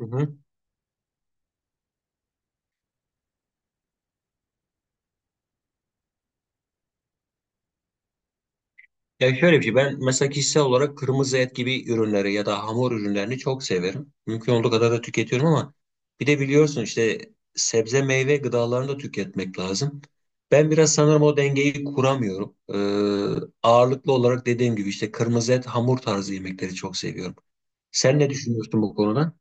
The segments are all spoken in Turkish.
Hı hı. Ya şöyle bir şey ben mesela kişisel olarak kırmızı et gibi ürünleri ya da hamur ürünlerini çok severim. Mümkün olduğu kadar da tüketiyorum ama bir de biliyorsun işte sebze meyve gıdalarını da tüketmek lazım. Ben biraz sanırım o dengeyi kuramıyorum. Ağırlıklı olarak dediğim gibi işte kırmızı et hamur tarzı yemekleri çok seviyorum. Sen ne düşünüyorsun bu konuda?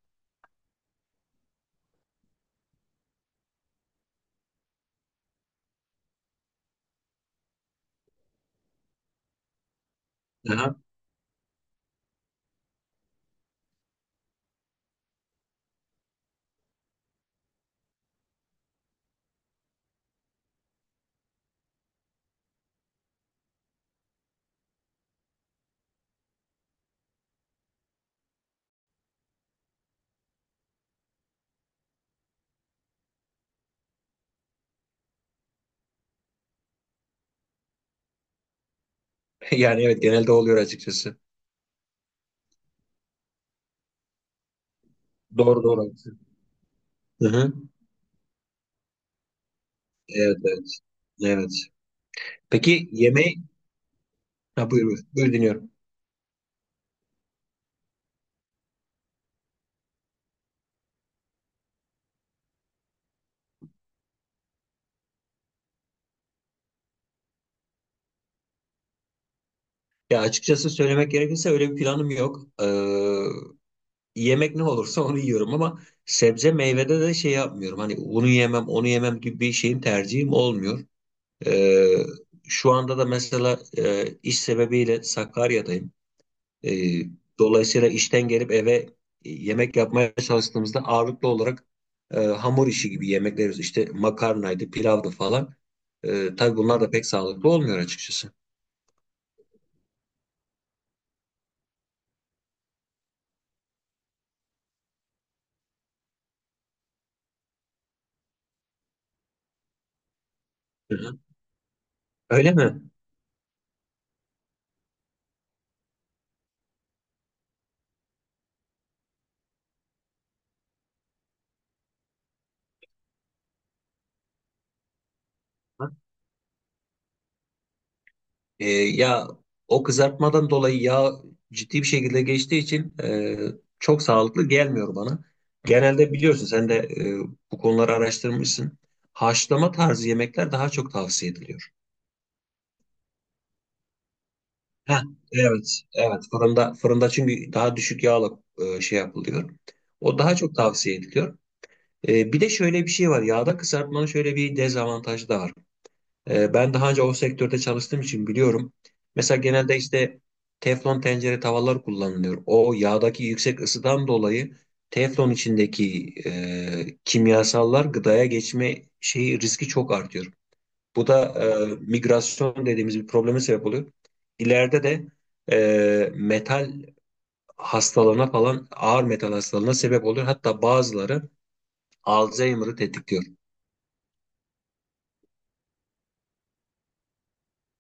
Aha. Yani evet genelde oluyor açıkçası. Doğru doğru, haklısın. Hı hı. Evet evet. Evet. Peki yemeği... Ha, buyur buyur. Buyur dinliyorum. Ya açıkçası söylemek gerekirse öyle bir planım yok. Yemek ne olursa onu yiyorum ama sebze meyvede de şey yapmıyorum. Hani bunu yemem, onu yemem gibi bir şeyim tercihim olmuyor. Ee, Şu anda da mesela iş sebebiyle Sakarya'dayım. Ee, Dolayısıyla işten gelip eve yemek yapmaya çalıştığımızda ağırlıklı olarak hamur işi gibi yemekler yiyoruz. İşte makarnaydı, pilavdı falan. Tabii bunlar da pek sağlıklı olmuyor açıkçası. Hı hı. Öyle mi? Ha? Ya o kızartmadan dolayı yağ ciddi bir şekilde geçtiği için çok sağlıklı gelmiyor bana. Genelde biliyorsun sen de bu konuları araştırmışsın. Haşlama tarzı yemekler daha çok tavsiye ediliyor. Heh, evet, evet. Fırında çünkü daha düşük yağla şey yapılıyor. O daha çok tavsiye ediliyor. E, bir de şöyle bir şey var. Yağda kızartmanın şöyle bir dezavantajı da var. Ben daha önce o sektörde çalıştığım için biliyorum. Mesela genelde işte teflon tencere tavalar kullanılıyor. O yağdaki yüksek ısıdan dolayı teflon içindeki kimyasallar gıdaya geçme şeyi riski çok artıyor. Bu da migrasyon dediğimiz bir probleme sebep oluyor. İleride de metal hastalığına falan ağır metal hastalığına sebep oluyor. Hatta bazıları Alzheimer'ı tetikliyor.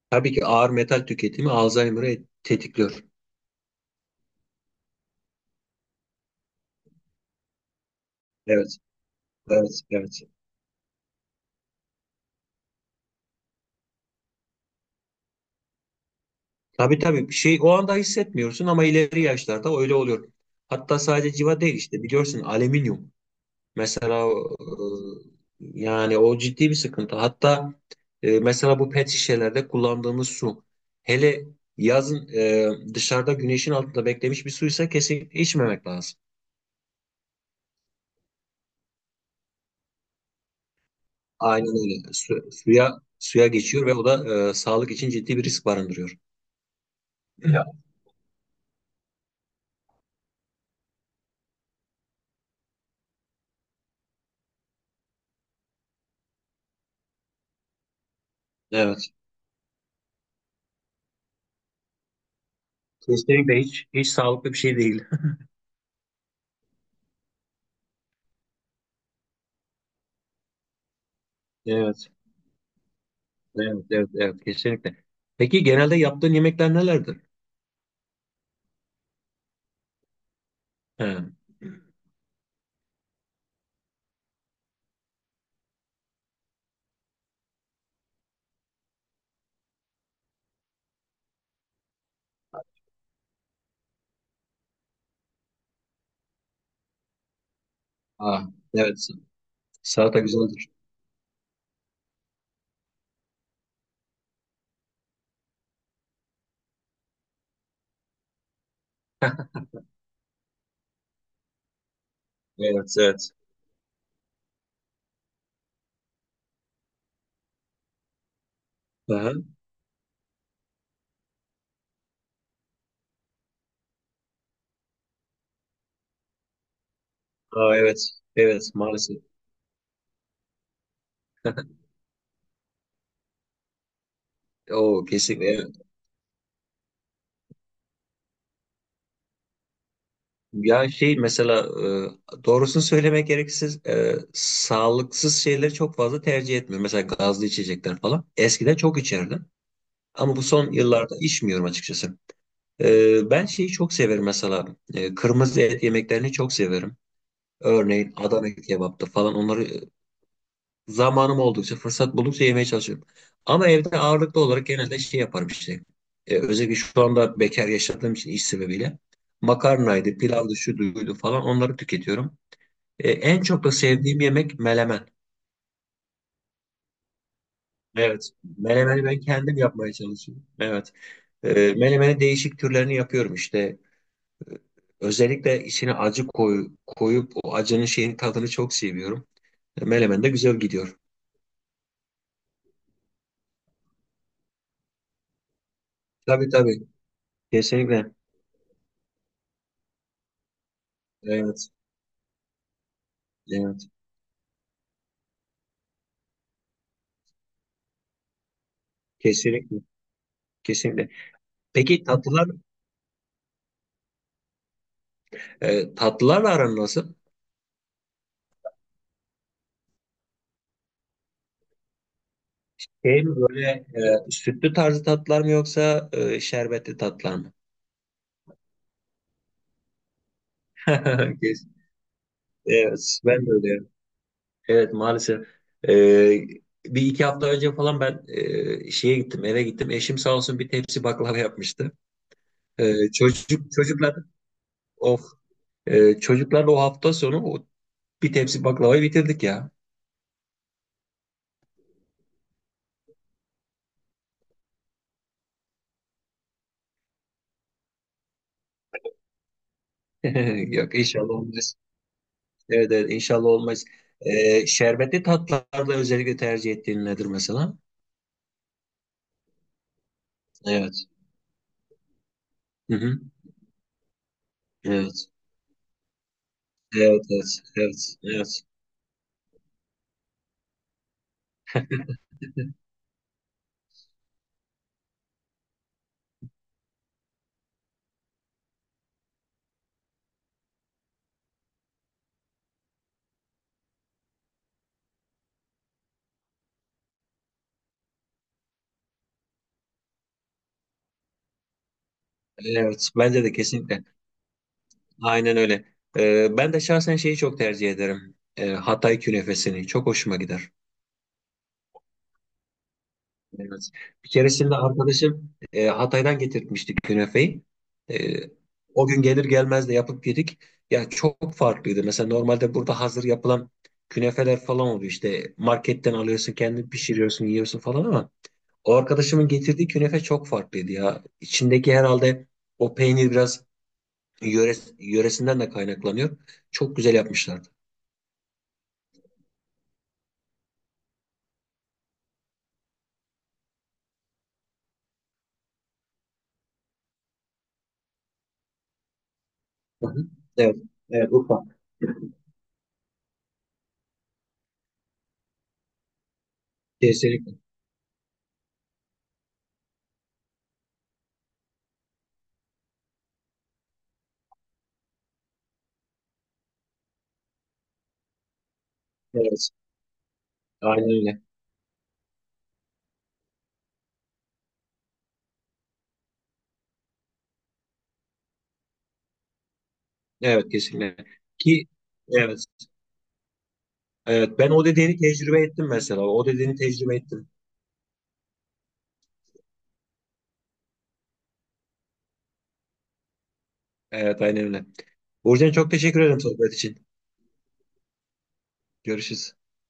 Tabii ki ağır metal tüketimi Alzheimer'ı tetikliyor. Evet, evet, evet. Tabii tabii bir şey o anda hissetmiyorsun ama ileri yaşlarda öyle oluyor. Hatta sadece civa değil işte biliyorsun alüminyum. Mesela yani o ciddi bir sıkıntı. Hatta mesela bu pet şişelerde kullandığımız su. Hele yazın dışarıda güneşin altında beklemiş bir suysa kesinlikle içmemek lazım. Aynen öyle. Suya suya geçiyor ve o da sağlık için ciddi bir risk barındırıyor. Ya. Evet. Kesinlikle hiç hiç sağlıklı bir şey değil. Evet, evet, evet, evet, kesinlikle. Peki genelde yaptığın yemekler nelerdir? He. Ah, evet. Salata güzeldir. Evet, evet. Aha. Aa, evet, evet, maalesef. O kesinlikle, evet. Ya şey mesela doğrusunu söylemek gerekirse sağlıksız şeyleri çok fazla tercih etmiyorum. Mesela gazlı içecekler falan. Eskiden çok içerdim. Ama bu son yıllarda içmiyorum açıkçası. Ben şeyi çok severim mesela. Kırmızı et yemeklerini çok severim. Örneğin Adana kebaptı falan onları zamanım oldukça, fırsat buldukça yemeye çalışıyorum. Ama evde ağırlıklı olarak genelde şey yaparım işte. Özellikle şu anda bekar yaşadığım için iş sebebiyle. Makarnaydı, pilavdı, şu duydu falan onları tüketiyorum. En çok da sevdiğim yemek melemen. Evet. Melemeni ben kendim yapmaya çalışıyorum. Evet. Melemeni değişik türlerini yapıyorum işte. Özellikle içine acı koyup o acının şeyin tadını çok seviyorum. Menemen de güzel gidiyor. Tabii tabii. Kesinlikle. Evet. Evet. Kesinlikle. Kesinlikle. Peki tatlılar tatlılarla aran nasıl? Şey mi böyle sütlü tarzı tatlılar mı yoksa şerbetli tatlılar mı? Kes- Evet. Ben de öyle. Evet maalesef. E, bir iki hafta önce falan ben şeye gittim eve gittim. Eşim sağ olsun bir tepsi baklava yapmıştı. Çocuklar Of. Çocuklarla o hafta sonu o bir tepsi baklavayı bitirdik ya. Yok inşallah olmaz. Evet evet inşallah olmaz. Şerbetli tatlılarda özellikle tercih ettiğin nedir mesela? Evet. Hı hı. Evet. Evet evet evet evet. Evet bence de kesinlikle. Aynen öyle. Ben de şahsen şeyi çok tercih ederim. Hatay künefesini. Çok hoşuma gider. Evet. Bir keresinde arkadaşım Hatay'dan getirtmişti künefeyi. E, O gün gelir gelmez de yapıp yedik. Ya çok farklıydı. Mesela normalde burada hazır yapılan künefeler falan oluyor. İşte marketten alıyorsun, kendin pişiriyorsun, yiyorsun falan ama o arkadaşımın getirdiği künefe çok farklıydı ya. İçindeki herhalde o peynir biraz yöresinden de kaynaklanıyor. Çok güzel yapmışlardı. Hı hı. Evet. Evet Urfa. Kesinlikle. Evet. Aynen öyle. Evet kesinlikle. Ki evet. Evet. Ben o dediğini tecrübe ettim mesela. O dediğini tecrübe ettim. Evet aynen öyle. Burcu'ya çok teşekkür ederim sohbet için. Görüşürüz.